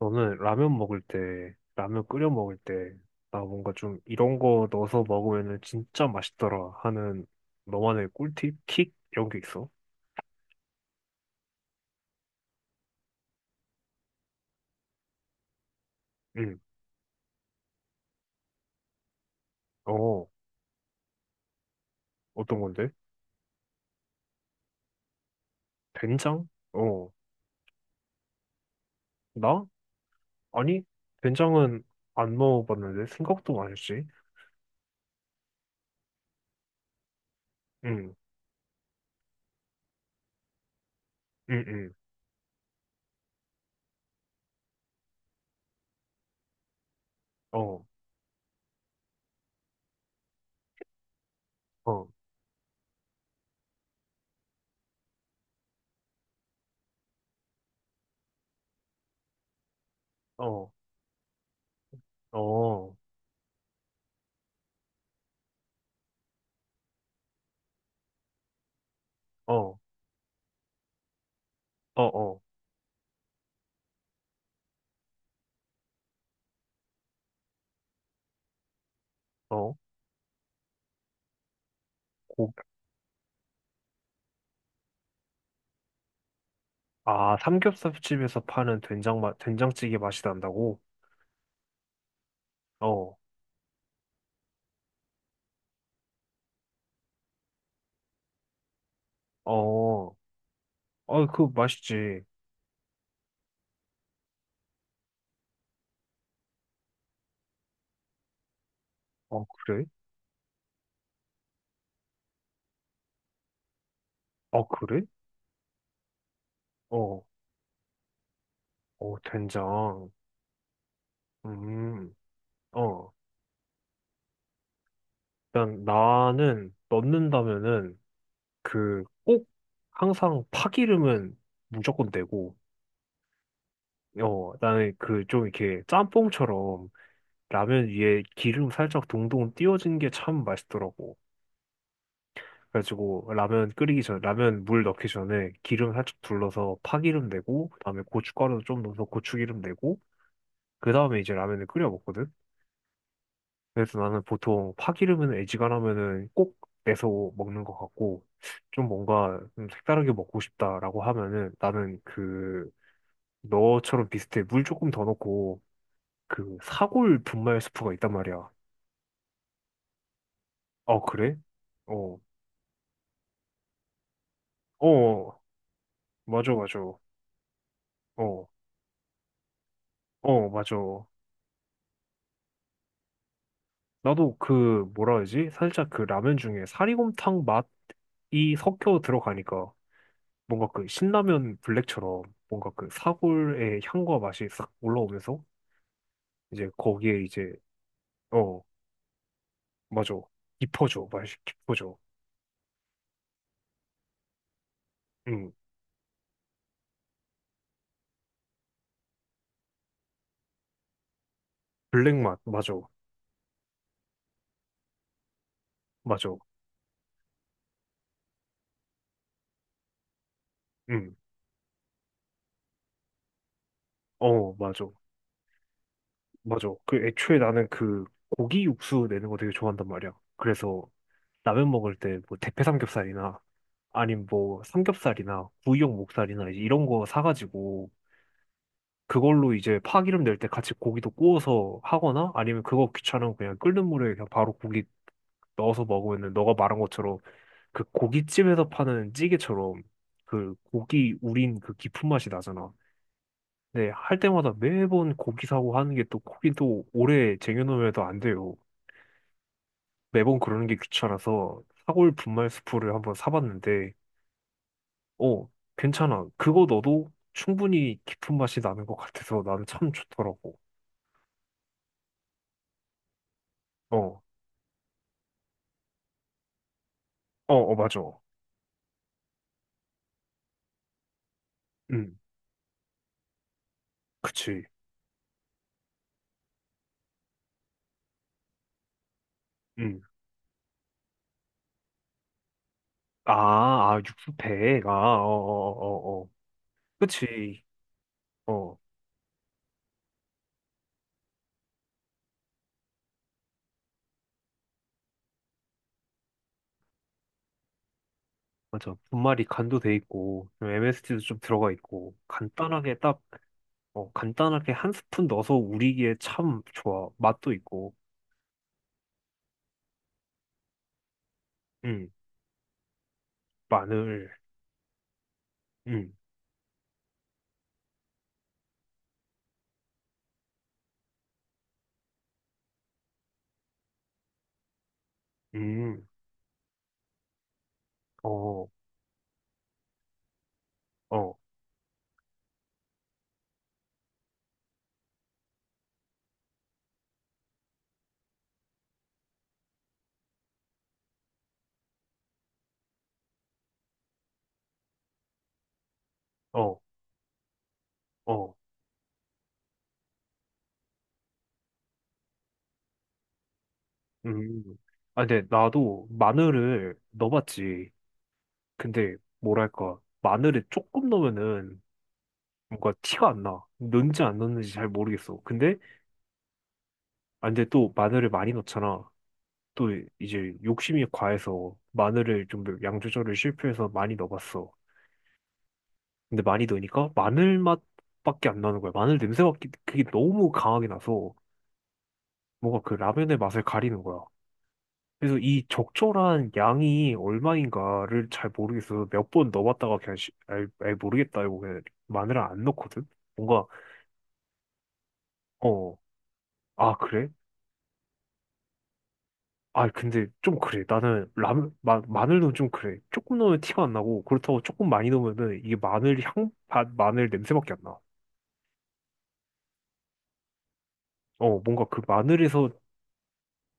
저는 라면 먹을 때, 라면 끓여 먹을 때, 나 뭔가 좀 이런 거 넣어서 먹으면은 진짜 맛있더라 하는 너만의 꿀팁? 킥? 이런 게 있어? 응. 어, 어떤 건데? 된장? 어, 나? 아니, 된장은 안 넣어봤는데 생각도 맛있지? 응, 응, 응. 어, 어, 어, 어, 어, 어, 어, 어. 고, 아, 삼겹살집에서 파는 된장 맛, 된장찌개 맛이 난다고? 어, 어. 아, 그거 맛있지. 어, 그래? 어, 그래? 어, 어, 된장. 음, 어. 일단 나는 넣는다면은 그 꼭 항상 파기름은 무조건 내고, 어, 나는 그 좀 이렇게 짬뽕처럼 라면 위에 기름 살짝 동동 띄워진 게 참 맛있더라고. 그래가지고 라면 끓이기 전, 라면 물 넣기 전에 기름 살짝 둘러서 파기름 내고, 그다음에 고춧가루 좀 넣어서 고추기름 내고, 그 다음에 이제 라면을 끓여 먹거든. 그래서 나는 보통 파기름은 애지간하면은 꼭 내서 먹는 것 같고, 좀 뭔가 좀 색다르게 먹고 싶다라고 하면은 나는 그, 너처럼 비슷해. 물 조금 더 넣고, 그 사골 분말 스프가 있단 말이야. 어, 그래? 어, 어, 어. 맞아, 맞아. 어, 어, 맞아. 나도 그, 뭐라 하지? 살짝 그 라면 중에 사리곰탕 맛이 섞여 들어가니까. 뭔가 그 신라면 블랙처럼 뭔가 그 사골의 향과 맛이 싹 올라오면서 이제 거기에 이제 어, 맞아. 깊어져. 맛이 깊어져. 음, 블랙 맛 맞아. 맞아. 음어 맞아. 맞아. 그 애초에 나는 그 고기 육수 내는 거 되게 좋아한단 말이야. 그래서 라면 먹을 때 뭐 대패 삼겹살이나 아님 뭐 삼겹살이나 구이용 목살이나 이제 이런 거 사가지고 그걸로 이제 파기름 낼 때 같이 고기도 구워서 하거나 아니면 그거 귀찮으면 그냥 끓는 물에 그냥 바로 고기 넣어서 먹으면 너가 말한 것처럼 그 고깃집에서 파는 찌개처럼 그 고기 우린 그 깊은 맛이 나잖아. 근데 할 때마다 매번 고기 사고 하는 게 또 고기 또 오래 쟁여놓으면 안 돼요. 매번 그러는 게 귀찮아서 사골 분말 스프를 한번 사봤는데 어, 괜찮아. 그거 넣어도 충분히 깊은 맛이 나는 것 같아서 나는 참 좋더라고. 어, 어, 어, 맞아. 음, 그치. 음. 아, 아, 육수팩. 아, 어, 어, 어, 어. 그치. 어, 맞아. 분말이 간도 돼 있고, MST 도좀 들어가 있고, 간단하게 딱, 어, 간단하게 한 스푼 넣어서 우리기에 참 좋아. 맛도 있고, 음, 마늘, 음, 음, 어, 어, 어, 어, 음. 아, 근데 나도 마늘을 넣어봤지. 근데, 뭐랄까, 마늘을 조금 넣으면은 뭔가 티가 안 나. 넣는지 안 넣는지 잘 모르겠어. 근데, 아, 근데 또 마늘을 많이 넣잖아. 또 이제 욕심이 과해서 마늘을 좀 양 조절을 실패해서 많이 넣어봤어. 근데 많이 넣으니까 마늘 맛밖에 안 나는 거야. 마늘 냄새밖에 그게 너무 강하게 나서 뭔가 그 라면의 맛을 가리는 거야. 그래서 이 적절한 양이 얼마인가를 잘 모르겠어서 몇 번 넣어봤다가 그냥 아이, 아이 모르겠다, 이거 그냥 마늘을 안 넣거든. 뭔가 어, 아, 그래? 아, 근데 좀 그래. 나는 라면, 마늘 넣으면 좀 그래. 조금 넣으면 티가 안 나고, 그렇다고 조금 많이 넣으면은 이게 마늘 향, 마늘 냄새밖에 안 나. 어, 뭔가 그 마늘에서,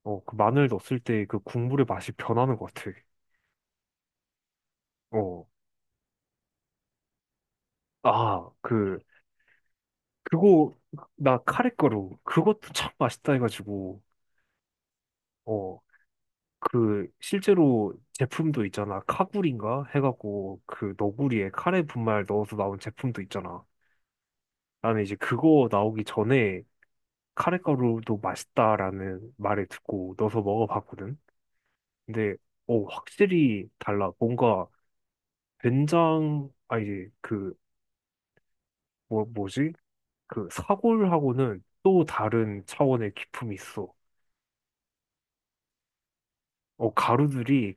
어, 그 마늘 넣었을 때 그 국물의 맛이 변하는 것 같아. 어, 아, 그, 그거, 나 카레가루, 그것도 참 맛있다 해가지고, 어, 그, 실제로 제품도 있잖아. 카구리인가? 해갖고, 그 너구리에 카레 분말 넣어서 나온 제품도 있잖아. 나는 이제 그거 나오기 전에 카레가루도 맛있다라는 말을 듣고 넣어서 먹어봤거든. 근데 어, 확실히 달라. 뭔가 된장, 아, 이제 그 뭐, 뭐지? 그 사골하고는 또 다른 차원의 기품이 있어. 어, 가루들이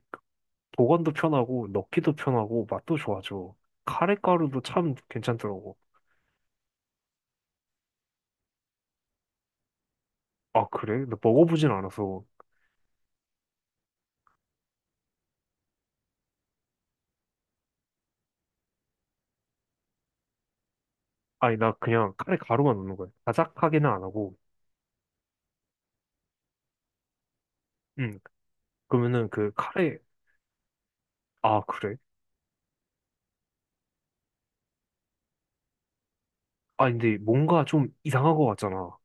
보관도 편하고 넣기도 편하고 맛도 좋아져. 카레가루도 참 괜찮더라고. 아, 그래? 나 먹어보진 않아서. 아니, 나 그냥 카레 가루만 넣는 거야. 자작하게는 안 하고. 음, 그러면은 그 카레 아, 그래? 아니, 근데 뭔가 좀 이상한 것 같잖아.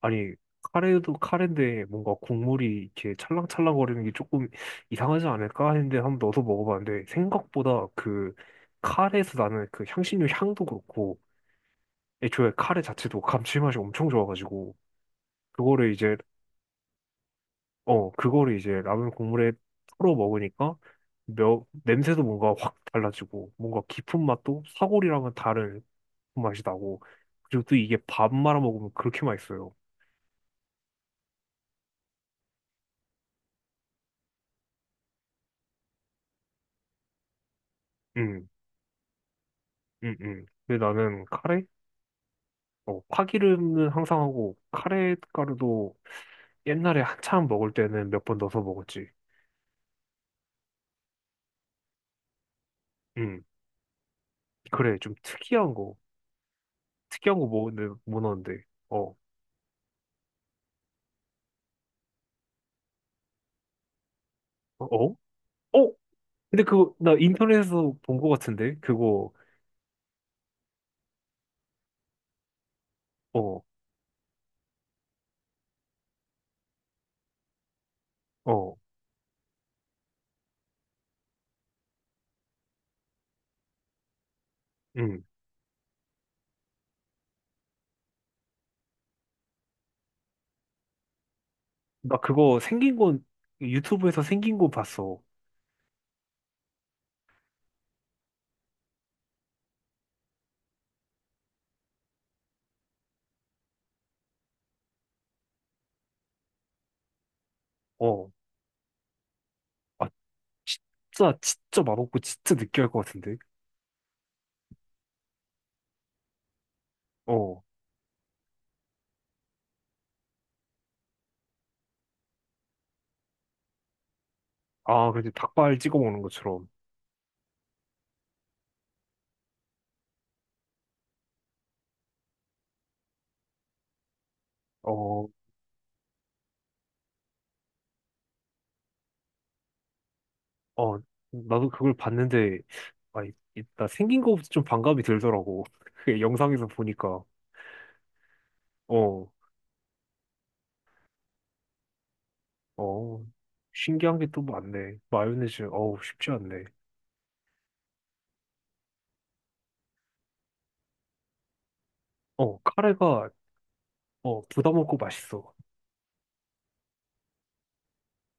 아니, 카레도 카레인데 뭔가 국물이 이렇게 찰랑찰랑거리는 게 조금 이상하지 않을까 했는데 한번 넣어서 먹어봤는데 생각보다 그 카레에서 나는 그 향신료 향도 그렇고 애초에 카레 자체도 감칠맛이 엄청 좋아가지고 그거를 이제 어, 그거를 이제 라면 국물에 풀어 먹으니까 냄새도 뭔가 확 달라지고 뭔가 깊은 맛도 사골이랑은 다른 맛이 나고 그리고 또 이게 밥 말아 먹으면 그렇게 맛있어요. 음. 응, 응. 근데 나는 카레? 어, 파기름은 항상 하고, 카레 가루도 옛날에 한참 먹을 때는 몇 번 넣어서 먹었지. 응. 그래, 좀 특이한 거. 특이한 거 먹었는데, 뭐 넣었는데. 어, 어? 어? 어? 근데 그거, 나 인터넷에서 본 거 같은데? 그거, 어, 어, 응. 나 그거 생긴 건, 유튜브에서 생긴 거 봤어. 어. 아, 진짜, 진짜 맛없고, 진짜 느끼할 것 같은데? 어. 아, 그치. 닭발 찍어 먹는 것처럼. 어. 어, 나도 그걸 봤는데, 아, 나 생긴 거부터 좀 반감이 들더라고. 그 영상에서 보니까. 어, 어, 신기한 게 또 많네. 마요네즈, 어우, 쉽지 않네. 어, 카레가, 어, 부담 없고 맛있어.